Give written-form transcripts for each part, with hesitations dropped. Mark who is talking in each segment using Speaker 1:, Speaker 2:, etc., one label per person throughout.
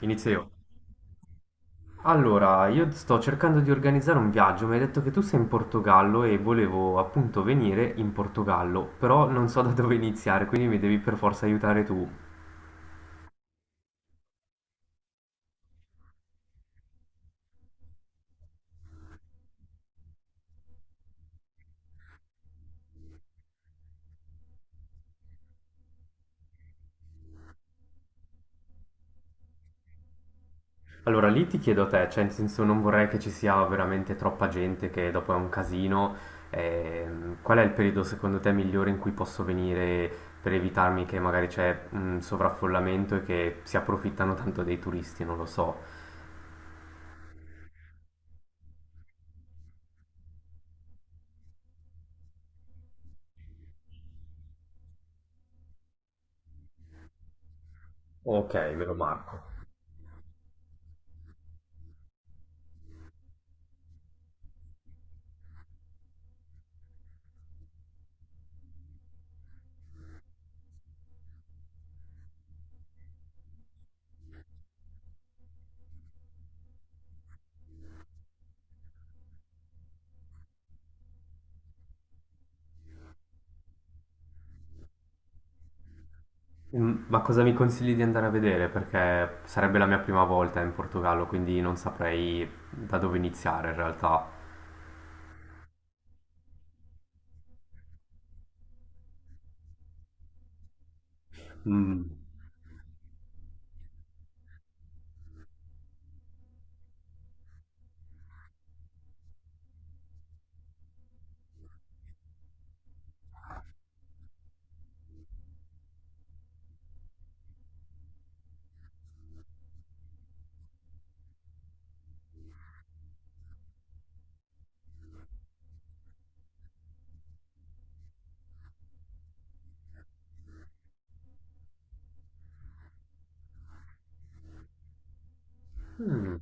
Speaker 1: Inizio io. Allora, io sto cercando di organizzare un viaggio, mi hai detto che tu sei in Portogallo e volevo appunto venire in Portogallo, però non so da dove iniziare, quindi mi devi per forza aiutare tu. Allora, lì ti chiedo a te, cioè in senso non vorrei che ci sia veramente troppa gente, che dopo è un casino. Qual è il periodo secondo te migliore in cui posso venire per evitarmi che magari c'è un sovraffollamento e che si approfittano tanto dei turisti, non lo so. Ok, me lo marco. Mm, ma cosa mi consigli di andare a vedere? Perché sarebbe la mia prima volta in Portogallo, quindi non saprei da dove iniziare in realtà. Mm. Mm.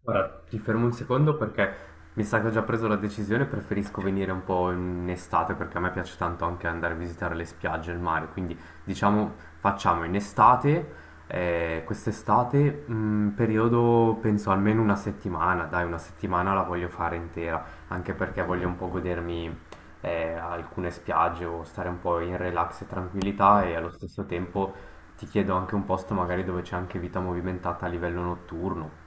Speaker 1: Guarda, ti fermo un secondo perché mi sa che ho già preso la decisione, preferisco venire un po' in estate perché a me piace tanto anche andare a visitare le spiagge, e il mare, quindi diciamo facciamo in estate, quest'estate, periodo penso almeno una settimana, dai, una settimana la voglio fare intera, anche perché voglio un po' godermi alcune spiagge o stare un po' in relax e tranquillità e allo stesso tempo ti chiedo anche un posto magari dove c'è anche vita movimentata a livello notturno.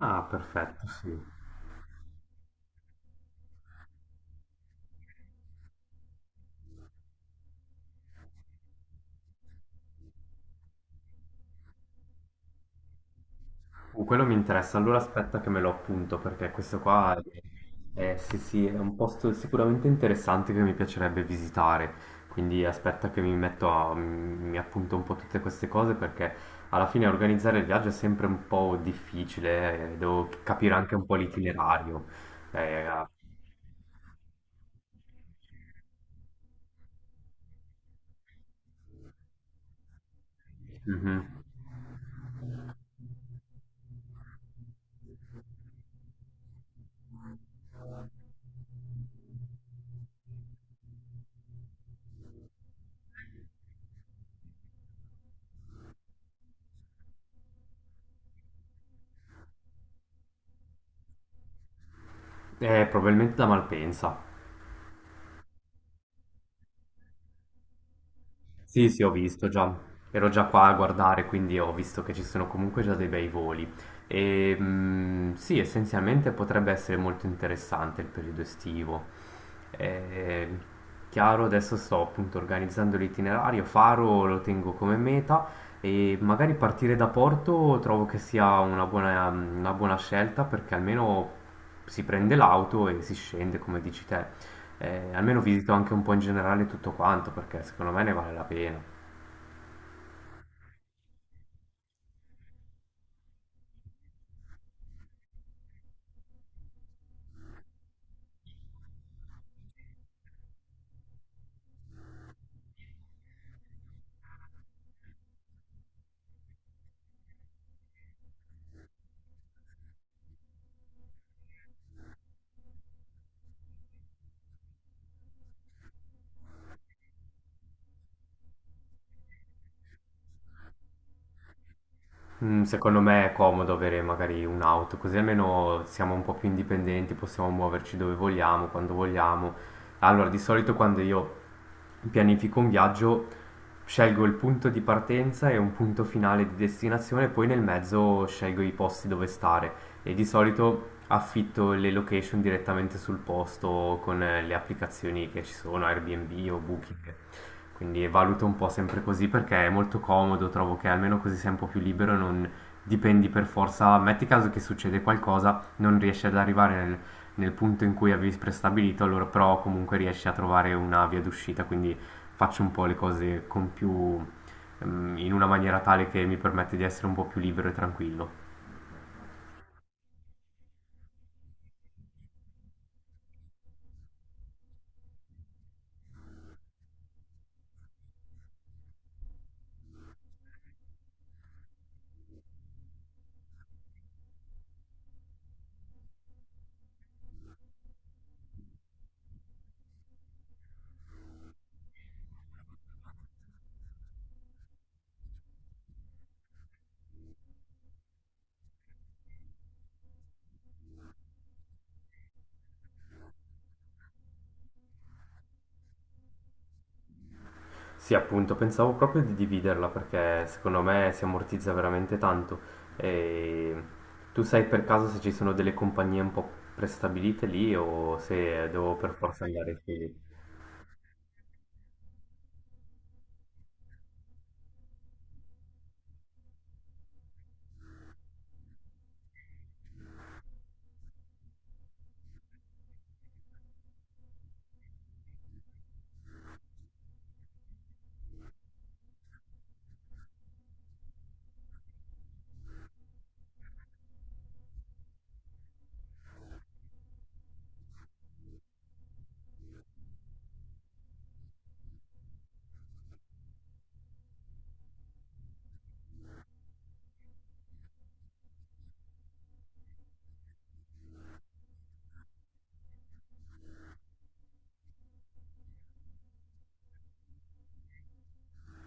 Speaker 1: Ah, perfetto, sì. Quello mi interessa. Allora aspetta che me lo appunto, perché questo qua è, sì, sì, è un posto sicuramente interessante che mi piacerebbe visitare. Quindi aspetta che mi metto a, mi appunto un po' tutte queste cose, perché alla fine organizzare il viaggio è sempre un po' difficile, devo capire anche un po' l'itinerario. Eh, mhm. Probabilmente da Malpensa. Sì, sì, ho visto già, ero già qua a guardare, quindi ho visto che ci sono comunque già dei bei voli. E mm, sì, essenzialmente potrebbe essere molto interessante il periodo estivo. Eh, chiaro, adesso sto appunto organizzando l'itinerario, Faro lo tengo come meta e magari partire da Porto trovo che sia una buona scelta perché almeno si prende l'auto e si scende, come dici te. Almeno visito anche un po' in generale tutto quanto perché secondo me ne vale la pena. Mm, secondo me è comodo avere magari un'auto, così almeno siamo un po' più indipendenti, possiamo muoverci dove vogliamo, quando vogliamo. Allora, di solito quando io pianifico un viaggio, scelgo il punto di partenza e un punto finale di destinazione, poi nel mezzo scelgo i posti dove stare e di solito affitto le location direttamente sul posto con le applicazioni che ci sono, Airbnb o Booking. Quindi valuto un po' sempre così perché è molto comodo, trovo che almeno così sei un po' più libero e non dipendi per forza. Metti caso che succede qualcosa, non riesci ad arrivare nel, nel punto in cui avevi prestabilito, allora però comunque riesci a trovare una via d'uscita, quindi faccio un po' le cose con più, in una maniera tale che mi permette di essere un po' più libero e tranquillo. Sì, appunto, pensavo proprio di dividerla perché secondo me si ammortizza veramente tanto. E tu sai per caso se ci sono delle compagnie un po' prestabilite lì o se devo per forza andare su?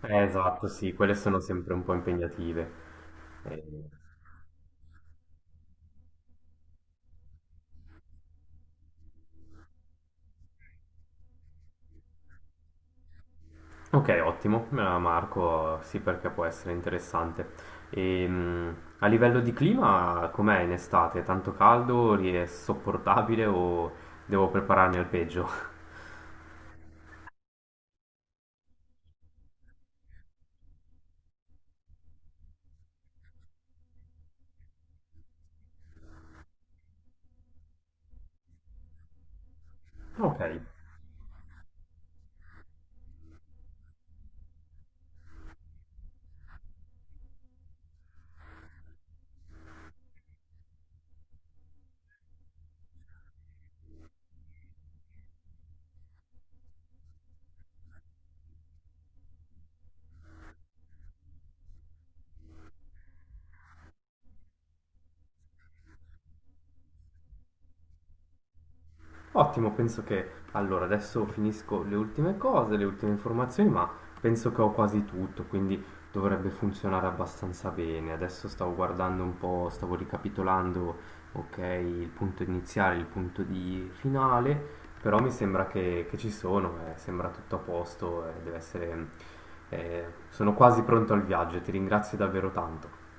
Speaker 1: Esatto, sì, quelle sono sempre un po' impegnative. E- ok, ottimo, me la marco, sì perché può essere interessante. A livello di clima, com'è in estate? Tanto caldo? È sopportabile o devo prepararmi al peggio? Ok. Ottimo, penso che allora adesso finisco le ultime cose, le ultime informazioni, ma penso che ho quasi tutto, quindi dovrebbe funzionare abbastanza bene. Adesso stavo guardando un po', stavo ricapitolando, ok, il punto iniziale, il punto di finale, però mi sembra che ci sono, sembra tutto a posto, deve essere, eh, sono quasi pronto al viaggio, ti ringrazio davvero tanto.